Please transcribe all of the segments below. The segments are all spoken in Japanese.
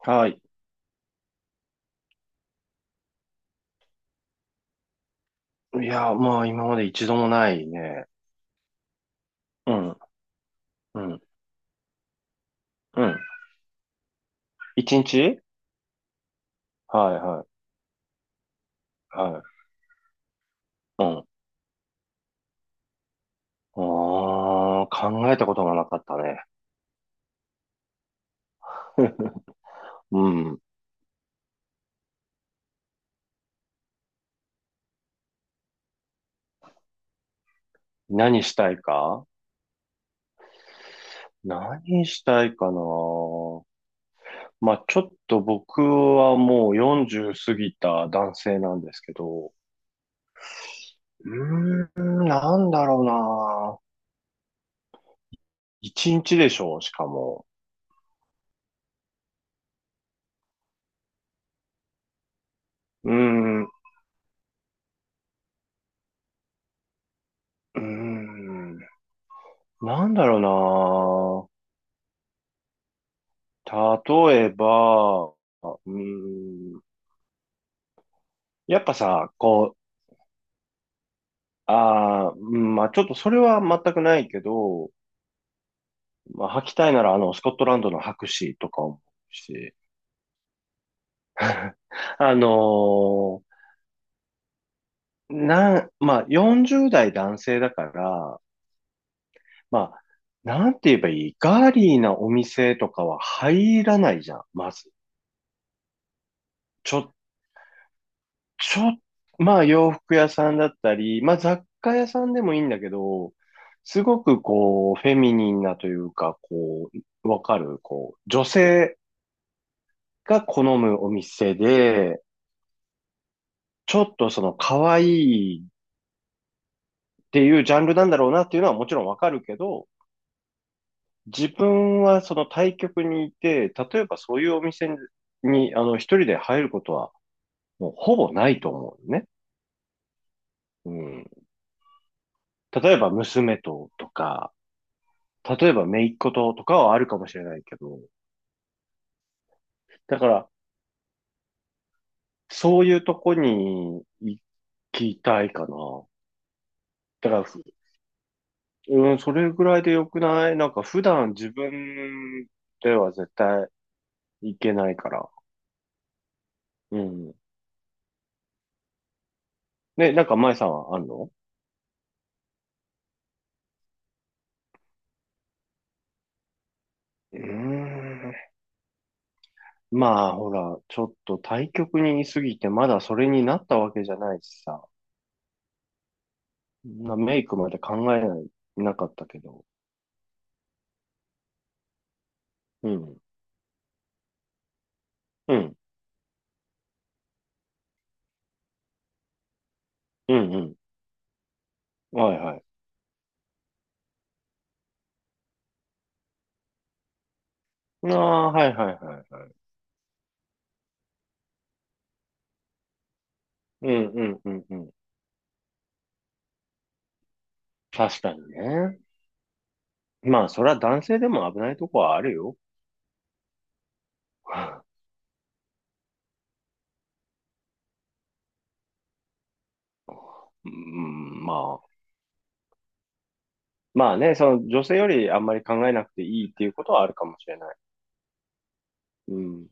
はい。いや、まあ、今まで一度もないね。うん、うん、うん。一日。はい、はい、はい。うん。ああ、考えたことがなかったね。うん。何したいか何したいかな。まあ、ちょっと僕はもう40過ぎた男性なんですけど、うーん、なんだろうな。一日でしょう、しかも。うーん、うーん、なんだろ。例えば、うーん、やっぱさ、こう、あー、うん、まあ、ちょっとそれは全くないけど、まあ、履きたいならスコットランドの白紙とか思うし、あのーなん、まあ、40代男性だから、まあ、なんて言えばいい、ガーリーなお店とかは入らないじゃん、まず。ちょっちょっ、まあ、洋服屋さんだったり、まあ、雑貨屋さんでもいいんだけど、すごくこう、フェミニンなというか、こう、わかる、こう、女性が好むお店で、ちょっとその可愛いっていうジャンルなんだろうなっていうのはもちろんわかるけど、自分はその対局にいて、例えばそういうお店に、一人で入ることはもうほぼないと思うね。うん。例えば娘ととか、例えば、姪っ子ととかはあるかもしれないけど、だから、そういうとこに行きたいかな。だから、ふうん、それぐらいでよくない？なんか、普段自分では絶対行けないから。うん。ね、なんか、前さんはあんの？うーん。まあ、ほら、ちょっと対極にいすぎて、まだそれになったわけじゃないしさ。メイクまで考えなかったけど。うん。うん。うん、うん。はいはい。ああ、はいはいはいはい。うんうんうんうん。確かにね。まあ、それは男性でも危ないとこはあるよ。うん、まあ。まあね、その女性よりあんまり考えなくていいっていうことはあるかもしれない。うん。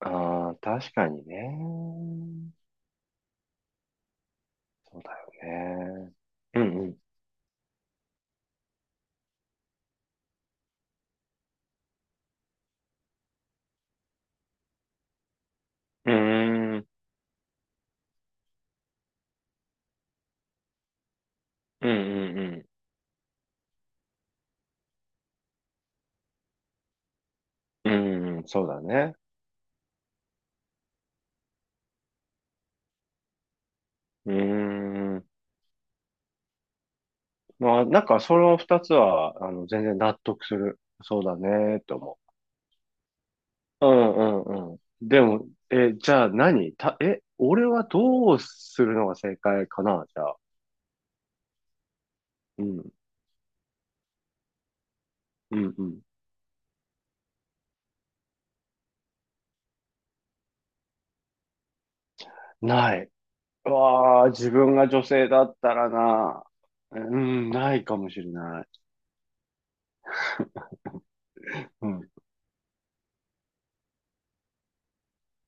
ああ、確かにね。そうだよね。うんうん。うーん。うんうんうん。うん、そうだね。うーん。まあ、なんかその二つは、全然納得する。そうだね、と思う。うんうんうん。でも、じゃあ、何た、え、俺はどうするのが正解かな、じゃあ。うん、うん、うん。ない。うわあ、自分が女性だったらな。うん、ないかもしれない。うん。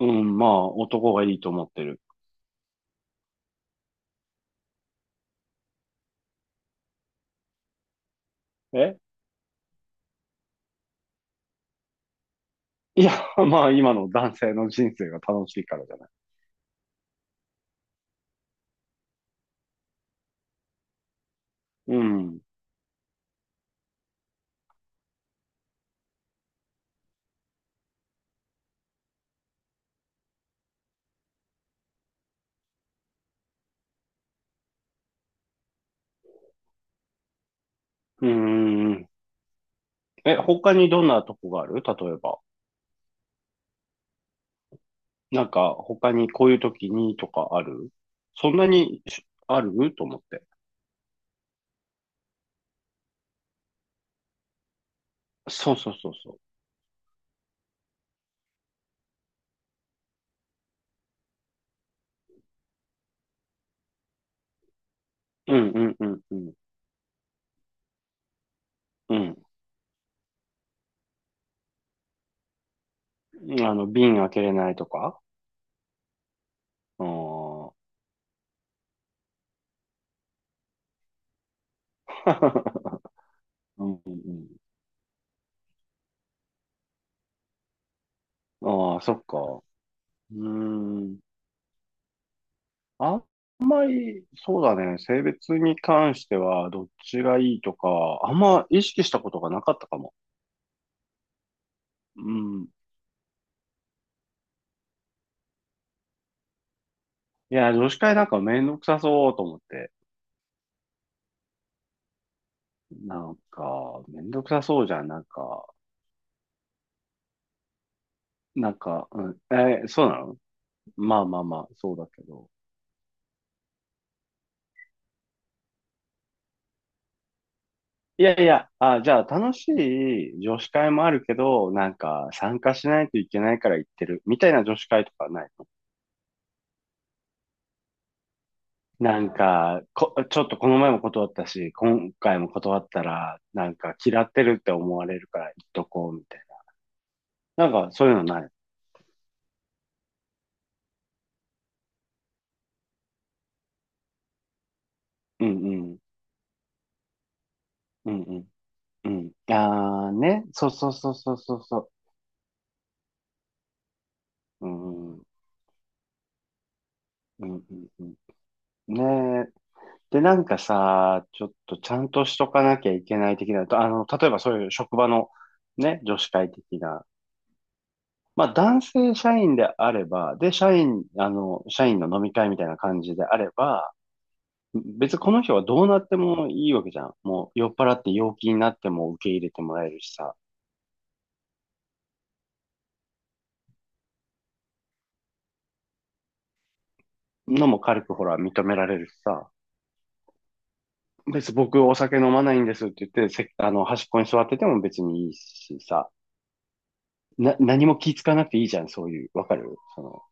うん、まあ、男がいいと思ってる。えいや、まあ、今の男性の人生が楽しいからじゃない。うん。うん。他にどんなとこがある、例えば。なんか、他にこういう時にとかある、そんなにしあると思って。そうそうそうそう。うんうんうんうん。うん。うん、瓶開けれないとか。ああー うんうんうん。ああ、そっか。うーん。あんまり、そうだね。性別に関しては、どっちがいいとか、あんま意識したことがなかったかも。うん。いや、女子会なんかめんどくさそうと思って。なんか、めんどくさそうじゃん。なんか、うん。そうなの？まあまあまあ、そうだけど。いやいや、あ、じゃあ楽しい女子会もあるけど、なんか参加しないといけないから行ってるみたいな女子会とかないの？なんか、ちょっとこの前も断ったし、今回も断ったら、なんか嫌ってるって思われるから行っとこうみたいな。なんかそういうのない？うんうん。うんうん。うん。ああね。そうそうそうそうそうそう。うんうん。うんうんうん。ね、で、なんかさ、ちょっとちゃんとしとかなきゃいけない的な、と例えばそういう職場のね、女子会的な、まあ、男性社員であれば、で、社員の飲み会みたいな感じであれば、別にこの人はどうなってもいいわけじゃん。もう酔っ払って陽気になっても受け入れてもらえるしさ、のも軽くほら認められるしさ、別に僕お酒飲まないんですって言って、せあの、端っこに座ってても別にいいしさ、何も気ぃつかなくていいじゃん、そういう、わかる？その、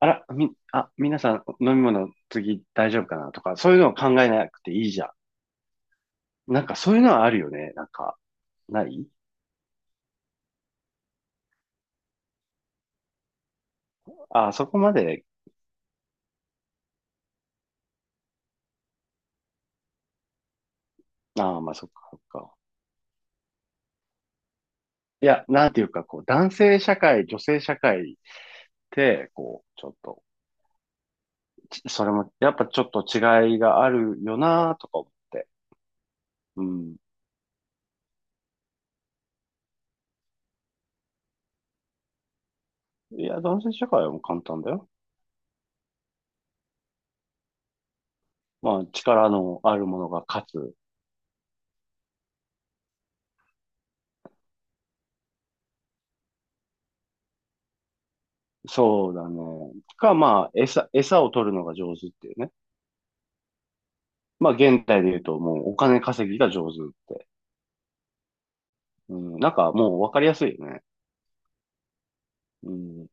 あら、み、あ、皆さん飲み物次大丈夫かなとか、そういうのを考えなくていいじゃん。なんかそういうのはあるよね。なんか、ない。あ、そこまで、ああ、まあ、そっかそっか。いや、なんていうか、こう、男性社会、女性社会って、こう、ちょっと、それも、やっぱちょっと違いがあるよなとか思って。うん。いや、男性社会はもう簡単だよ。まあ、力のあるものが勝つ。そうだね。まあ、餌を取るのが上手っていうね。まあ、現代で言うと、もうお金稼ぎが上手って。うん、なんかもうわかりやすいよね。うん。